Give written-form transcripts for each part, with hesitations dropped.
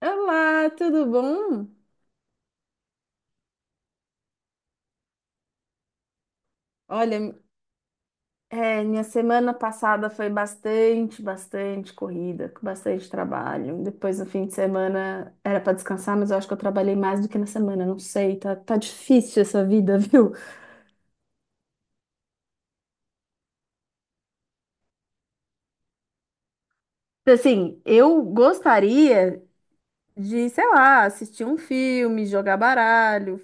Olá, tudo bom? Olha, minha semana passada foi bastante corrida, com bastante trabalho. Depois, no fim de semana, era para descansar, mas eu acho que eu trabalhei mais do que na semana, não sei, tá difícil essa vida, viu? Assim, eu gostaria de, sei lá, assistir um filme, jogar baralho,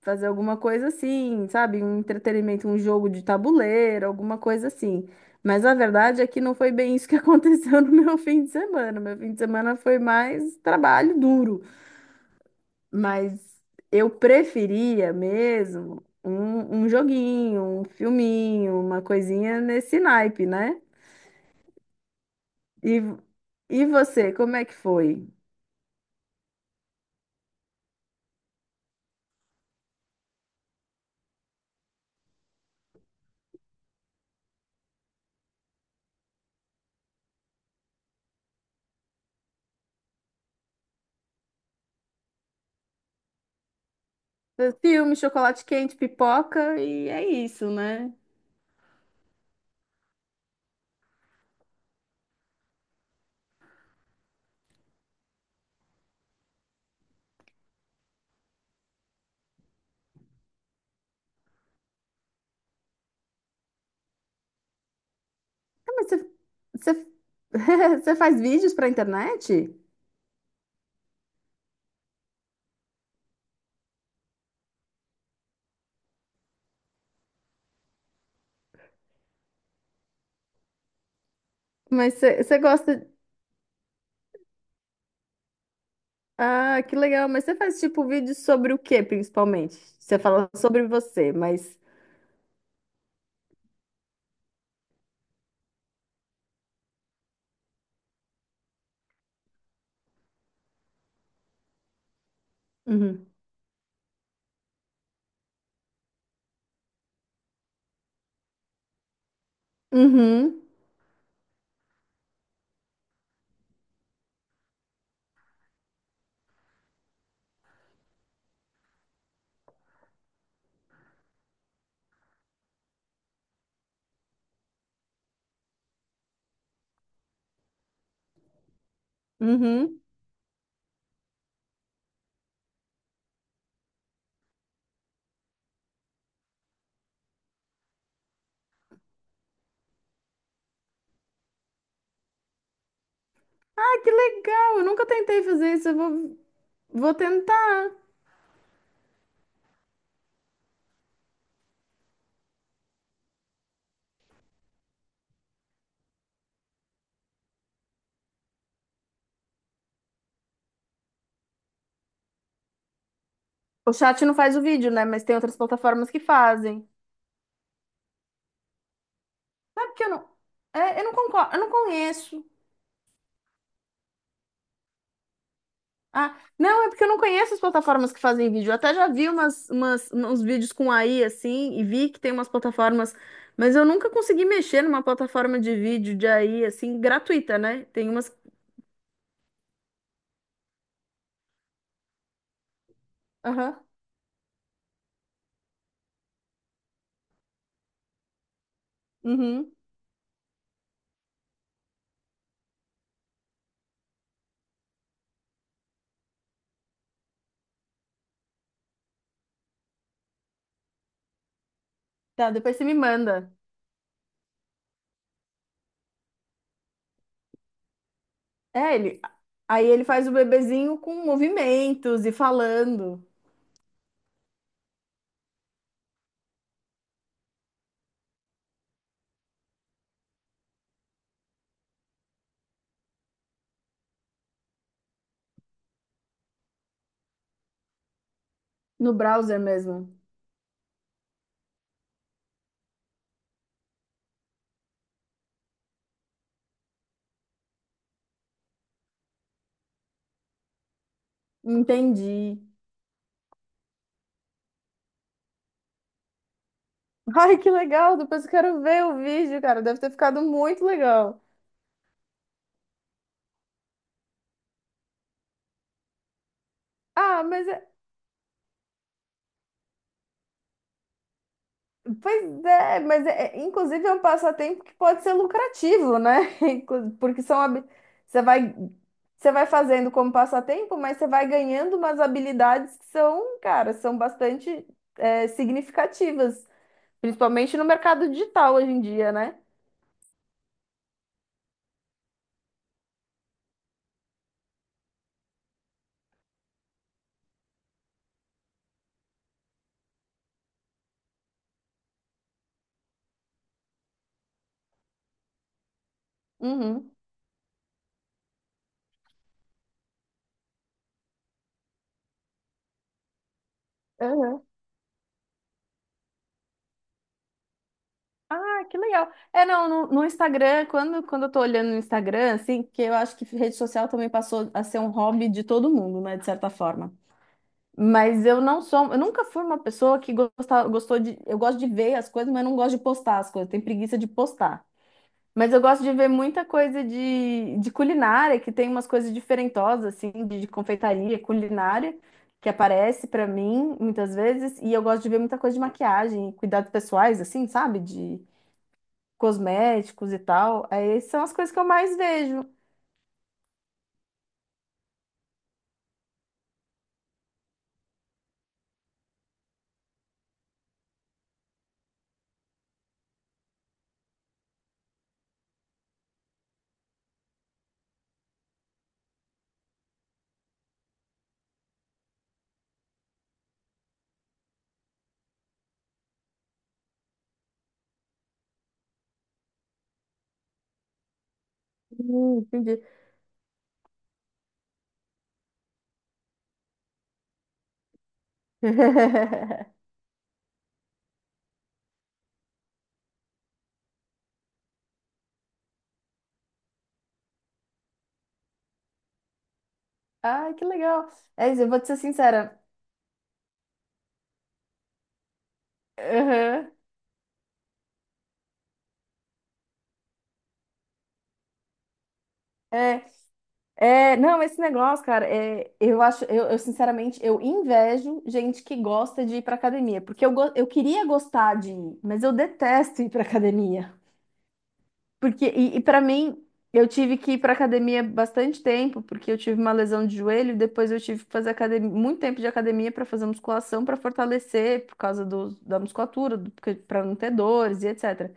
fazer alguma coisa assim, sabe? Um entretenimento, um jogo de tabuleiro, alguma coisa assim. Mas a verdade é que não foi bem isso que aconteceu no meu fim de semana. Meu fim de semana foi mais trabalho duro. Mas eu preferia mesmo um joguinho, um filminho, uma coisinha nesse naipe, né? E, e você, como é que foi? Filme, chocolate quente, pipoca e é isso, né? Mas você, você faz vídeos pra internet? Mas você gosta. Ah, que legal. Mas você faz tipo vídeos sobre o quê, principalmente? Você fala sobre você, mas. Uhum. Uhum. Uhum. Ah, que legal! Eu nunca tentei fazer isso. Vou tentar. O chat não faz o vídeo, né? Mas tem outras plataformas que fazem. Sabe que eu não. É eu não concordo, eu não conheço. Ah, não, é porque eu não conheço as plataformas que fazem vídeo. Eu até já vi uns vídeos com AI assim, e vi que tem umas plataformas, mas eu nunca consegui mexer numa plataforma de vídeo de AI assim, gratuita, né? Tem umas. Aham. Uhum. Tá, depois você me manda. É, ele. Aí ele faz o bebezinho com movimentos e falando no browser mesmo. Entendi. Ai, que legal! Depois eu quero ver o vídeo, cara. Deve ter ficado muito legal. Ah, mas Pois é, mas inclusive é um passatempo que pode ser lucrativo, né? Porque são você vai você vai fazendo como passatempo, mas você vai ganhando umas habilidades que são, cara, são bastante significativas, principalmente no mercado digital hoje em dia, né? Uhum. Uhum. Ah, que legal. É, não, no Instagram, quando eu tô olhando no Instagram, assim, que eu acho que rede social também passou a ser um hobby de todo mundo, né, de certa forma. Mas eu não sou, eu nunca fui uma pessoa que gosta, gostou de, eu gosto de ver as coisas, mas não gosto de postar as coisas, tenho preguiça de postar. Mas eu gosto de ver muita coisa de culinária, que tem umas coisas diferentosas, assim, de confeitaria, culinária, que aparece pra mim muitas vezes, e eu gosto de ver muita coisa de maquiagem, cuidados pessoais, assim, sabe? De cosméticos e tal. Aí são as coisas que eu mais vejo. Entendi. Ai, que legal. É isso, eu vou te ser sincera. Aham. É, não, esse negócio, cara, eu acho, sinceramente, eu invejo gente que gosta de ir pra academia, porque eu queria gostar de ir, mas eu detesto ir pra academia. Porque, e para mim, eu tive que ir pra academia bastante tempo, porque eu tive uma lesão de joelho, e depois eu tive que fazer academia, muito tempo de academia para fazer musculação, para fortalecer, por causa do, da musculatura, do, para não ter dores e etc.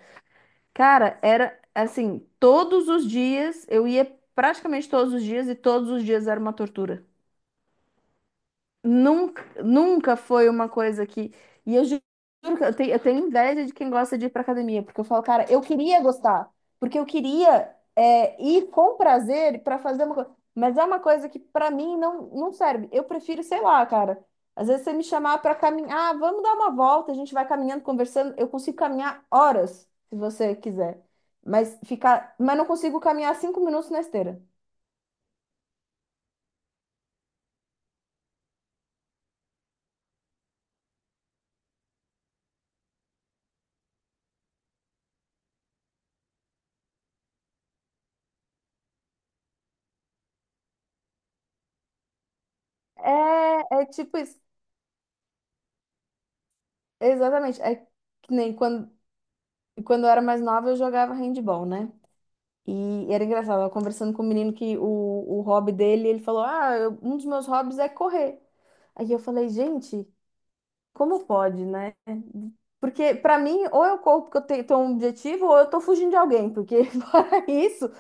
Cara, era assim, todos os dias, eu ia praticamente todos os dias e todos os dias era uma tortura. Nunca, nunca foi uma coisa que. E juro que eu tenho inveja de quem gosta de ir pra academia, porque eu falo, cara, eu queria gostar, porque eu queria ir com prazer pra fazer uma coisa. Mas é uma coisa que pra mim não serve. Eu prefiro, sei lá, cara. Às vezes você me chamar pra caminhar, ah, vamos dar uma volta, a gente vai caminhando, conversando. Eu consigo caminhar horas, se você quiser. Mas não consigo caminhar 5 minutos na esteira. É tipo isso. Exatamente. É que nem quando E quando eu era mais nova, eu jogava handball, né? E era engraçado, eu tava conversando com um menino que o hobby dele, ele falou: "Ah, um dos meus hobbies é correr." Aí eu falei, gente, como pode, né? Porque pra mim, ou eu corro porque tenho um objetivo, ou eu tô fugindo de alguém, porque fora isso,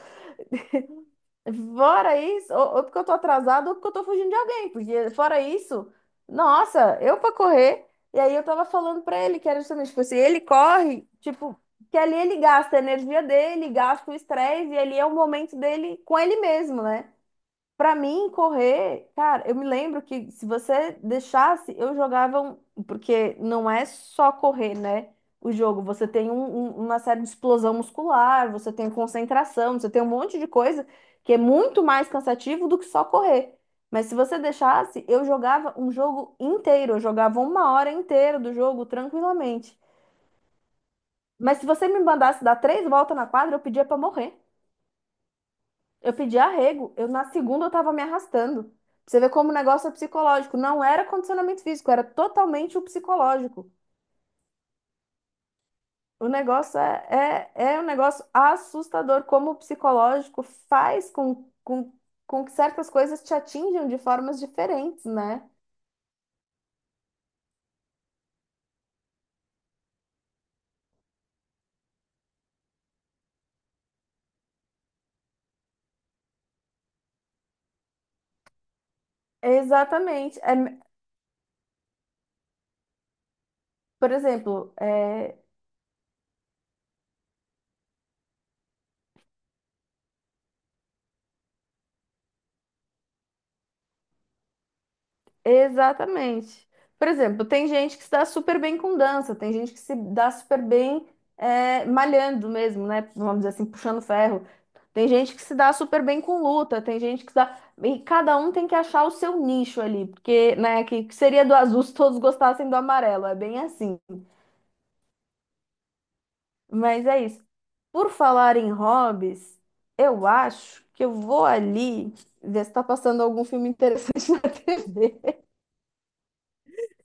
fora isso, ou porque eu tô atrasada, ou porque eu tô fugindo de alguém. Porque, fora isso, nossa, eu pra correr. E aí eu tava falando pra ele que era justamente, tipo assim, ele corre, tipo, que ali ele gasta a energia dele, gasta o estresse, e ali é o momento dele com ele mesmo, né? Pra mim, correr, cara, eu me lembro que se você deixasse, eu jogava um, porque não é só correr, né? O jogo, você tem uma série de explosão muscular, você tem concentração, você tem um monte de coisa que é muito mais cansativo do que só correr. Mas se você deixasse, eu jogava um jogo inteiro, eu jogava uma hora inteira do jogo tranquilamente. Mas se você me mandasse dar 3 voltas na quadra, eu pedia pra morrer. Eu pedi arrego, eu na segunda eu tava me arrastando. Pra Você vê como o negócio é psicológico. Não era condicionamento físico, era totalmente o psicológico. O negócio é um negócio assustador, como o psicológico faz com que certas coisas te atinjam de formas diferentes, né? Exatamente. Por exemplo, é, Exatamente. Por exemplo, tem gente que se dá super bem com dança, tem gente que se dá super bem malhando mesmo, né? Vamos dizer assim, puxando ferro. Tem gente que se dá super bem com luta, tem gente que se dá. E cada um tem que achar o seu nicho ali, porque, né, que seria do azul se todos gostassem do amarelo, é bem assim. Mas é isso. Por falar em hobbies, eu acho que eu vou ali ver se tá passando algum filme interessante na TV.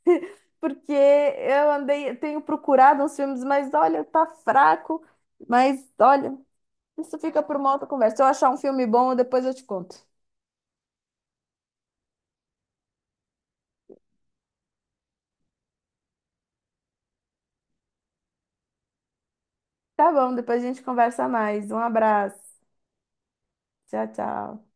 Porque eu andei, eu tenho procurado uns filmes, mas olha, tá fraco. Mas olha, isso fica por uma outra conversa. Se eu achar um filme bom, depois eu te conto. Tá bom, depois a gente conversa mais. Um abraço. Tchau, tchau.